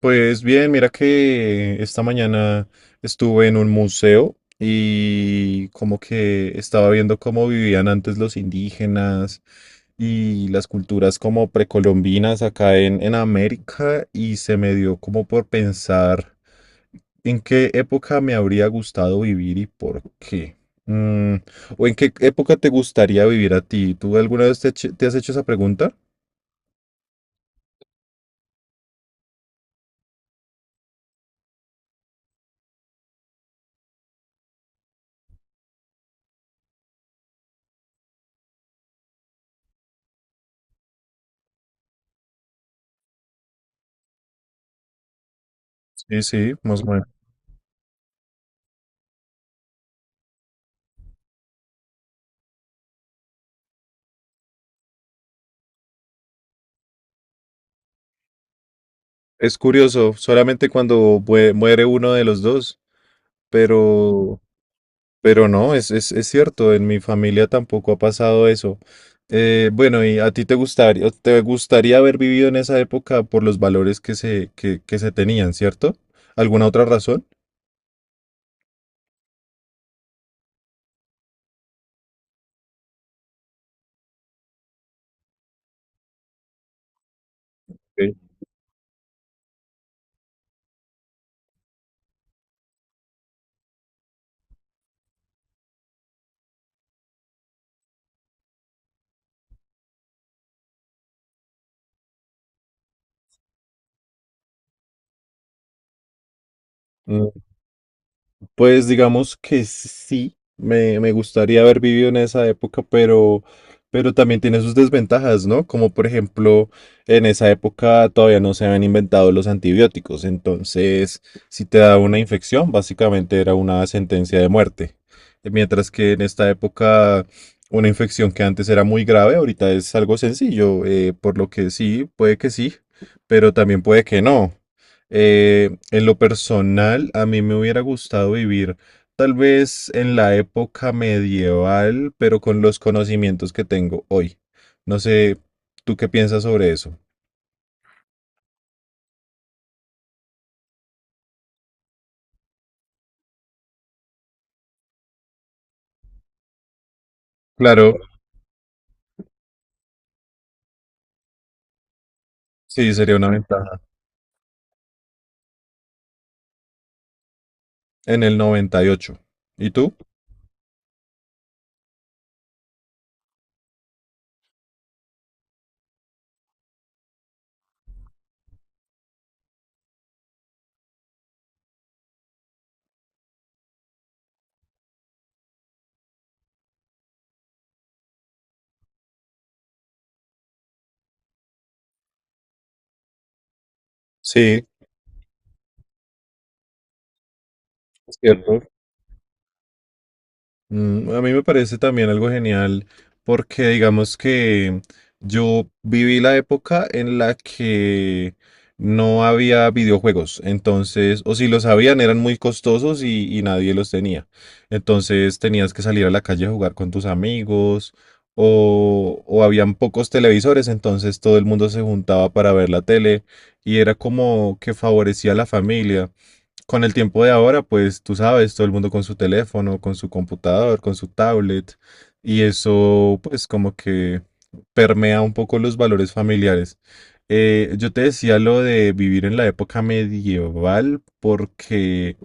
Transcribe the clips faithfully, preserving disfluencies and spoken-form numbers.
Pues bien, mira que esta mañana estuve en un museo y como que estaba viendo cómo vivían antes los indígenas y las culturas como precolombinas acá en, en América y se me dio como por pensar en qué época me habría gustado vivir y por qué. Mm, o en qué época te gustaría vivir a ti. ¿Tú alguna vez te, eche- te has hecho esa pregunta? Sí, sí, más o... Es curioso, solamente cuando mue- muere uno de los dos, pero, pero no, es, es, es cierto, en mi familia tampoco ha pasado eso. Eh, bueno, ¿y a ti te gustaría, te gustaría haber vivido en esa época por los valores que se, que, que se tenían, cierto? ¿Alguna otra razón? Sí. Pues digamos que sí, me, me gustaría haber vivido en esa época, pero, pero también tiene sus desventajas, ¿no? Como por ejemplo, en esa época todavía no se habían inventado los antibióticos, entonces si te daba una infección, básicamente era una sentencia de muerte. Mientras que en esta época una infección que antes era muy grave, ahorita es algo sencillo, eh, por lo que sí, puede que sí, pero también puede que no. Eh, en lo personal, a mí me hubiera gustado vivir tal vez en la época medieval, pero con los conocimientos que tengo hoy. No sé, ¿tú qué piensas sobre eso? Claro, sí, sería una ventaja. En el noventa y ocho. ¿Y ocho? ¿Y tú? Sí, es cierto. Mm, a mí me parece también algo genial porque digamos que yo viví la época en la que no había videojuegos, entonces, o si los habían eran muy costosos y, y nadie los tenía. Entonces tenías que salir a la calle a jugar con tus amigos o, o habían pocos televisores, entonces todo el mundo se juntaba para ver la tele y era como que favorecía a la familia. Con el tiempo de ahora, pues tú sabes, todo el mundo con su teléfono, con su computador, con su tablet, y eso pues como que permea un poco los valores familiares. Eh, yo te decía lo de vivir en la época medieval porque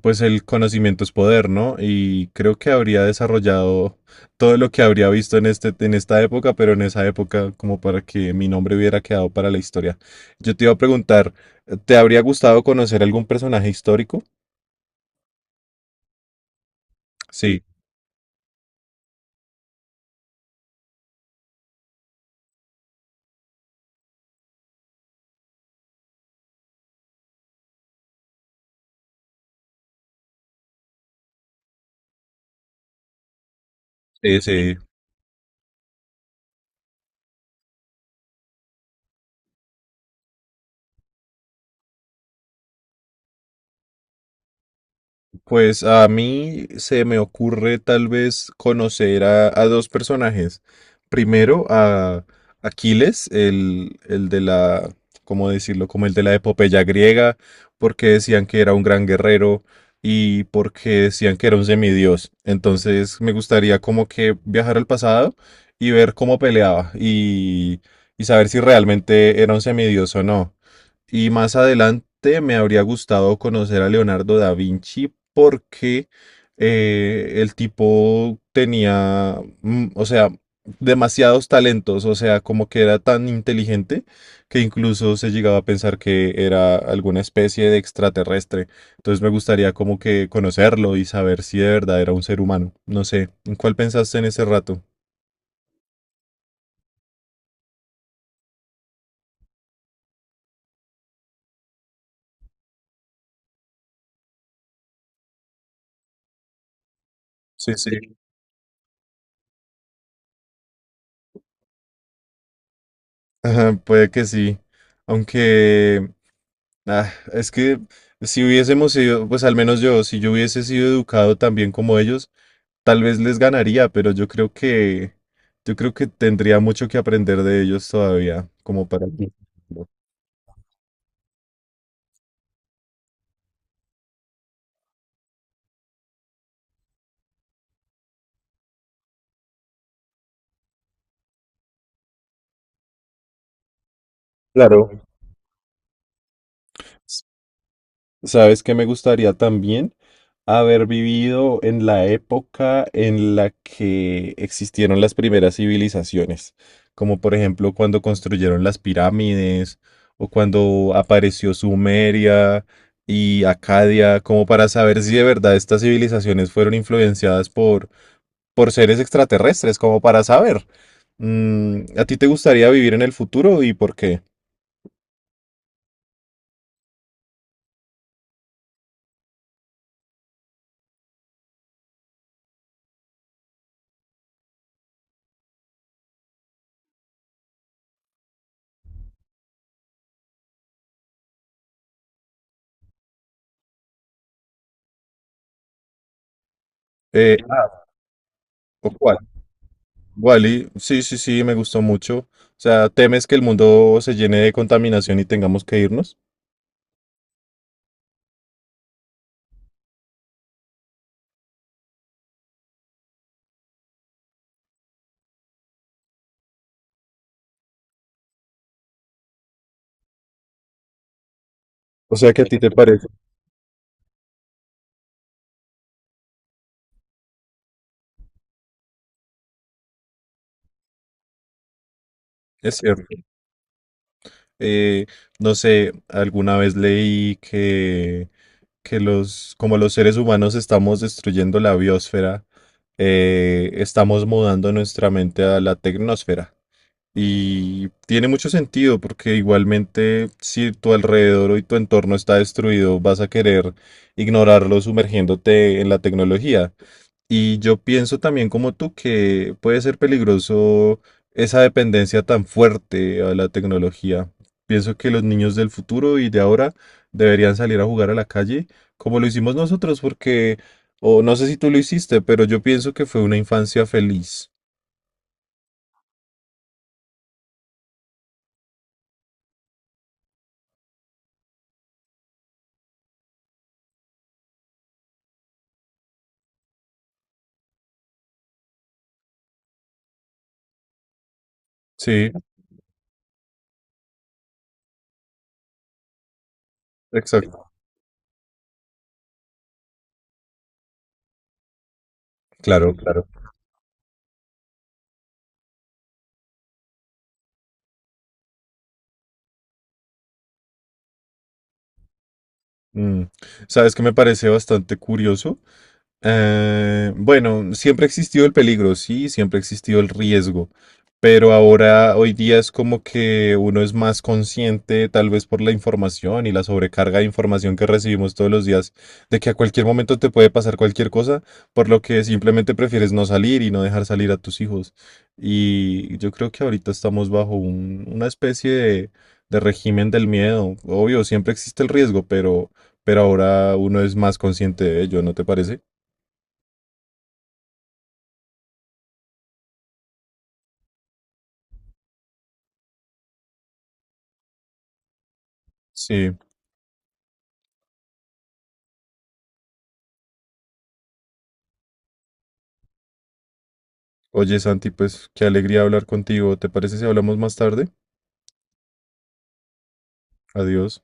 pues el conocimiento es poder, ¿no? Y creo que habría desarrollado todo lo que habría visto en este, en esta época, pero en esa época como para que mi nombre hubiera quedado para la historia. Yo te iba a preguntar, ¿te habría gustado conocer algún personaje histórico? Sí, sí, sí. Pues a mí se me ocurre tal vez conocer a, a dos personajes. Primero a Aquiles, el, el de la, ¿cómo decirlo? Como el de la epopeya griega, porque decían que era un gran guerrero y porque decían que era un semidios. Entonces me gustaría como que viajar al pasado y ver cómo peleaba y, y saber si realmente era un semidios o no. Y más adelante me habría gustado conocer a Leonardo da Vinci porque eh, el tipo tenía, mm, o sea, demasiados talentos, o sea, como que era tan inteligente que incluso se llegaba a pensar que era alguna especie de extraterrestre. Entonces me gustaría como que conocerlo y saber si de verdad era un ser humano. No sé, ¿en cuál pensaste en ese rato? Sí, sí. Ajá, puede que sí. Aunque... Ah, es que si hubiésemos sido, pues al menos yo, si yo hubiese sido educado también como ellos, tal vez les ganaría, pero yo creo que, yo creo que tendría mucho que aprender de ellos todavía, como para... Claro. ¿Sabes que me gustaría también? Haber vivido en la época en la que existieron las primeras civilizaciones, como por ejemplo cuando construyeron las pirámides o cuando apareció Sumeria y Acadia, como para saber si de verdad estas civilizaciones fueron influenciadas por, por seres extraterrestres, como para saber. Mm, ¿a ti te gustaría vivir en el futuro y por qué? Eh, ¿o cuál? Wally, sí, sí, sí, me gustó mucho. O sea, ¿temes que el mundo se llene de contaminación y tengamos que irnos? O sea, ¿qué a ti te parece? Es cierto. Eh, no sé, alguna vez leí que, que los, como los seres humanos estamos destruyendo la biosfera, eh, estamos mudando nuestra mente a la tecnosfera. Y tiene mucho sentido porque igualmente si tu alrededor y tu entorno está destruido, vas a querer ignorarlo sumergiéndote en la tecnología. Y yo pienso también como tú que puede ser peligroso esa dependencia tan fuerte a la tecnología. Pienso que los niños del futuro y de ahora deberían salir a jugar a la calle como lo hicimos nosotros, porque, o no sé si tú lo hiciste, pero yo pienso que fue una infancia feliz. Sí, exacto. Claro, claro. Mm. ¿Sabes qué me parece bastante curioso? Eh, bueno, siempre existió el peligro, sí, siempre existió el riesgo, pero ahora, hoy día es como que uno es más consciente, tal vez por la información y la sobrecarga de información que recibimos todos los días, de que a cualquier momento te puede pasar cualquier cosa, por lo que simplemente prefieres no salir y no dejar salir a tus hijos. Y yo creo que ahorita estamos bajo un- una especie de, de régimen del miedo. Obvio, siempre existe el riesgo, pero, pero ahora uno es más consciente de ello, ¿no te parece? Sí. Oye, Santi, pues qué alegría hablar contigo. ¿Te parece si hablamos más tarde? Adiós.